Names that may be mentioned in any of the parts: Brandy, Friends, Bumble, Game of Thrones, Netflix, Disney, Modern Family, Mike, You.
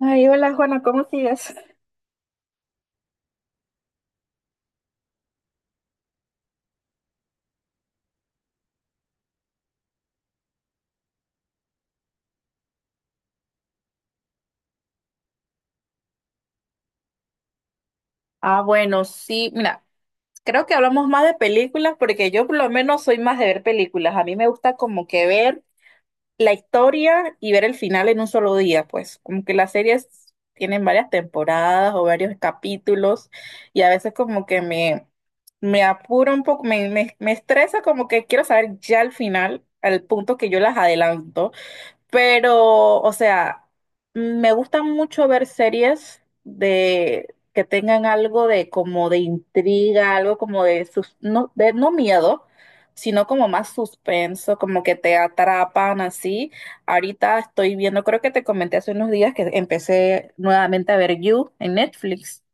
Ay, hola Juana, ¿cómo sigues? Ah, bueno, sí, mira, creo que hablamos más de películas porque yo por lo menos soy más de ver películas. A mí me gusta como que ver la historia y ver el final en un solo día, pues, como que las series tienen varias temporadas o varios capítulos y a veces como que me apura un poco, me estresa como que quiero saber ya el final, al punto que yo las adelanto. Pero, o sea, me gusta mucho ver series de que tengan algo de como de intriga, algo como de sus, no, de no miedo, sino como más suspenso, como que te atrapan así. Ahorita estoy viendo, creo que te comenté hace unos días que empecé nuevamente a ver You en Netflix.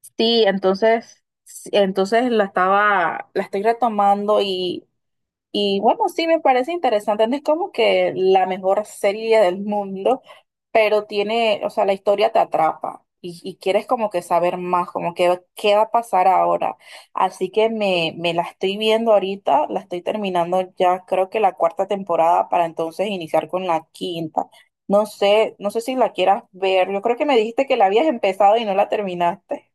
Sí, entonces la estoy retomando y bueno, sí me parece interesante, no es como que la mejor serie del mundo, pero tiene, o sea, la historia te atrapa y quieres como que saber más, como que qué va a pasar ahora. Así que me la estoy viendo ahorita, la estoy terminando ya, creo que la cuarta temporada para entonces iniciar con la quinta. No sé, no sé si la quieras ver, yo creo que me dijiste que la habías empezado y no la terminaste.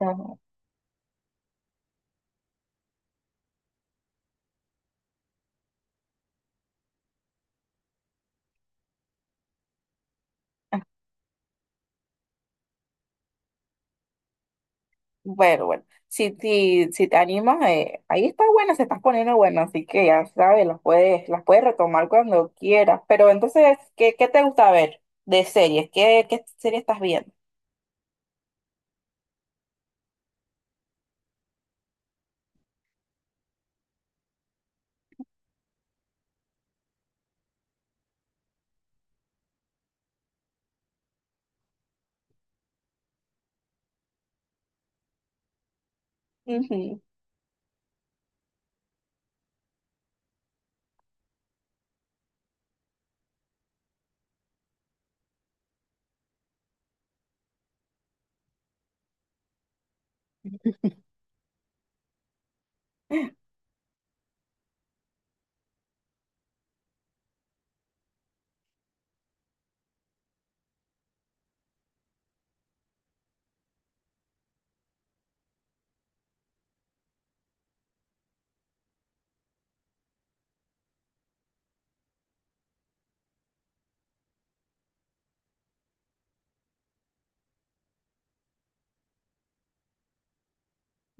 Ajá. Bueno, bueno, si te animas, ahí está buena, se está poniendo buena, así que ya sabes, las puedes retomar cuando quieras. Pero entonces, qué te gusta ver de series? Qué serie estás viendo? Ujú.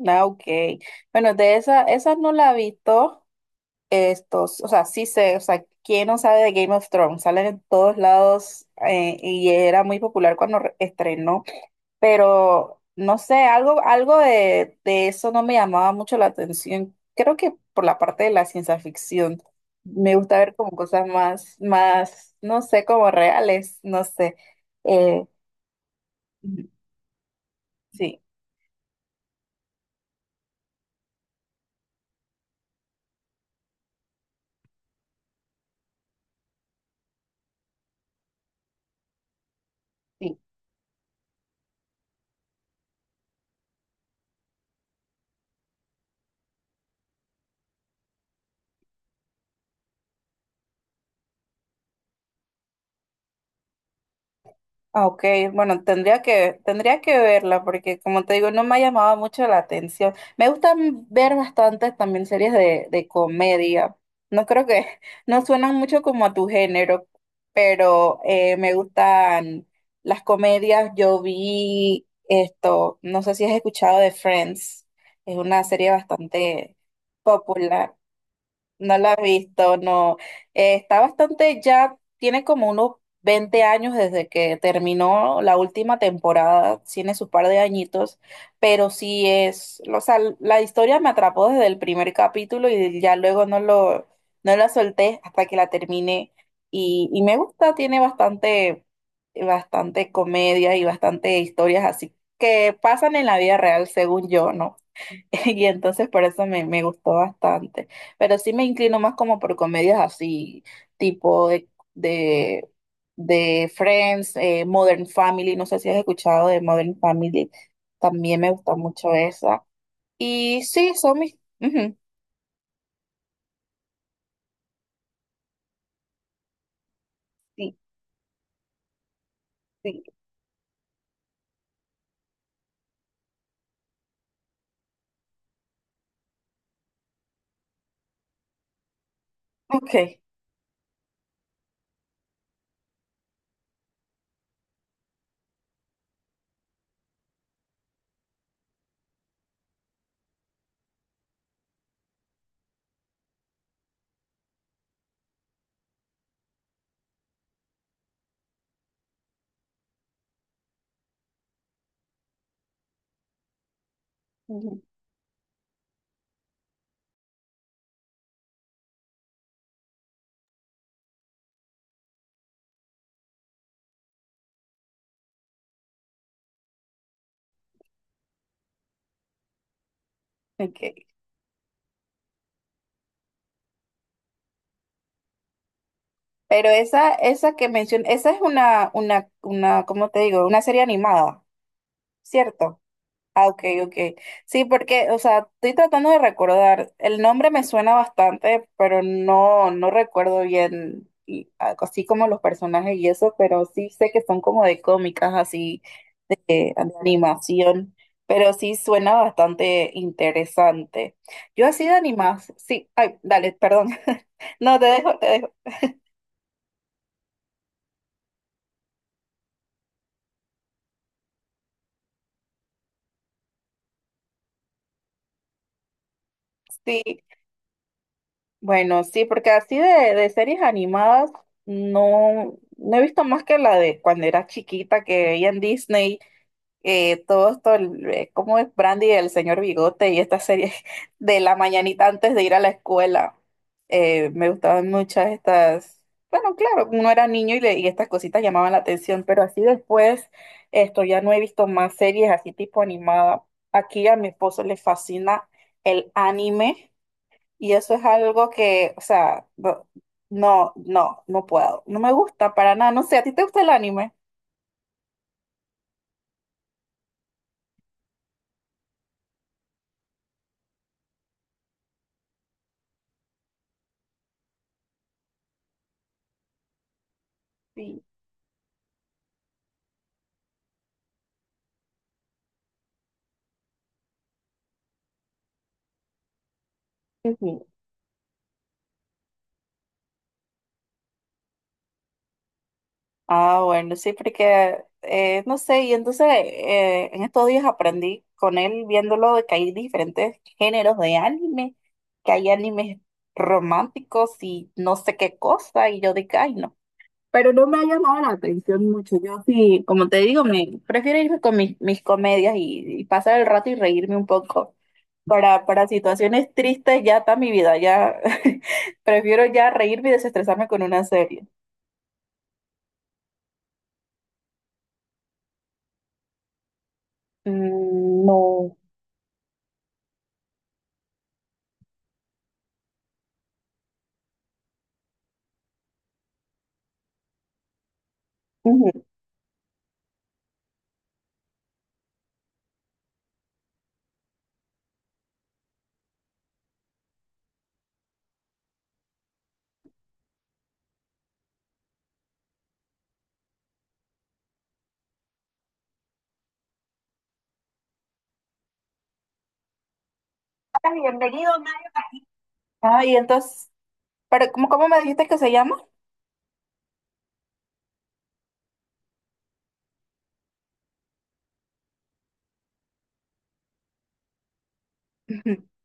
Ah, ok. Bueno, esa no la he visto. Estos, o sea, sí sé, o sea, ¿quién no sabe de Game of Thrones? Salen en todos lados, y era muy popular cuando re- estrenó. Pero no sé, algo de eso no me llamaba mucho la atención. Creo que por la parte de la ciencia ficción. Me gusta ver como cosas más, no sé, como reales, no sé. Eh, sí, sí. Ah, ok, bueno, tendría que verla porque como te digo, no me ha llamado mucho la atención. Me gusta ver bastantes también series de comedia. No creo que, no suenan mucho como a tu género, pero me gustan las comedias. Yo vi esto, no sé si has escuchado de Friends, es una serie bastante popular. No la he visto, no. Está bastante, ya tiene como unos 20 años desde que terminó la última temporada, tiene sus par de añitos, pero sí es, o sea, la historia me atrapó desde el primer capítulo y ya luego no la solté hasta que la terminé. Y me gusta, tiene bastante, bastante comedia y bastante historias así que pasan en la vida real, según yo, ¿no? Y entonces por eso me gustó bastante. Pero sí me inclino más como por comedias así, tipo de, de Friends, Modern Family. No sé si has escuchado de Modern Family. También me gusta mucho esa. Y sí, son mis... ujú, sí, sí. Ok. Ujú, ok. Pero esa que mencioné, esa es una, ¿cómo te digo? Una serie animada, ¿cierto? Ah, ok, ok. Sí, porque, o sea, estoy tratando de recordar. El nombre me suena bastante, pero no, no recuerdo bien, y, ah, así como los personajes y eso, pero sí sé que son como de cómicas, así, de animación, pero sí suena bastante interesante. Yo así de animas, sí, ay, dale, perdón. No, te dejo, te dejo. Sí, bueno, sí, porque así de series animadas no, no he visto más que la de cuando era chiquita que veía en Disney, todo esto, el- ¿cómo es Brandy, el señor Bigote y esta serie de la mañanita antes de ir a la escuela? Me gustaban muchas estas, bueno, claro, uno era niño y, le- y estas cositas llamaban la atención, pero así después esto ya no he visto más series así tipo animada. Aquí a mi esposo le fascina el anime. Y eso es algo que, o sea, no no puedo. No me gusta para nada. No sé, ¿a ti te gusta el anime? Sí. Ujú. Ah, bueno, sí, porque, no sé, y entonces en estos días aprendí con él viéndolo de que hay diferentes géneros de anime, que hay animes románticos y no sé qué cosa, y yo dije, ay, no. Pero no me ha llamado la atención mucho. Yo sí, como te digo, me prefiero irme con mis comedias y pasar el rato y reírme un poco. Para situaciones tristes ya está mi vida, ya prefiero ya reírme y desestresarme con una serie. Mm, no. Ujú. Bienvenido, Mike. Ah, y entonces, pero, cómo me dijiste que se llama?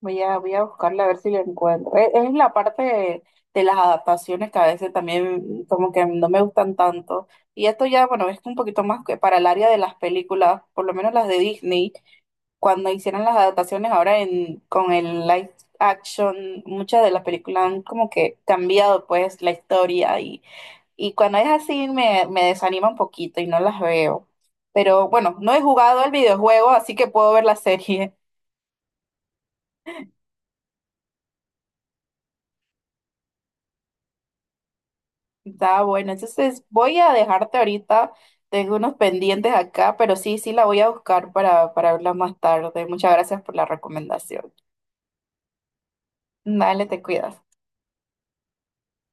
Voy a buscarla a ver si la encuentro. Es, la parte de las adaptaciones que a veces también como que no me gustan tanto. Y esto ya, bueno, es un poquito más que para el área de las películas, por lo menos las de Disney, cuando hicieron las adaptaciones ahora en, con el live action, muchas de las películas han como que cambiado pues la historia y cuando es así me desanima un poquito y no las veo. Pero bueno, no he jugado el videojuego, así que puedo ver la serie. Está bueno, entonces voy a dejarte ahorita, tengo unos pendientes acá, pero sí, sí la voy a buscar para verla más tarde. Muchas gracias por la recomendación. Dale, te cuidas.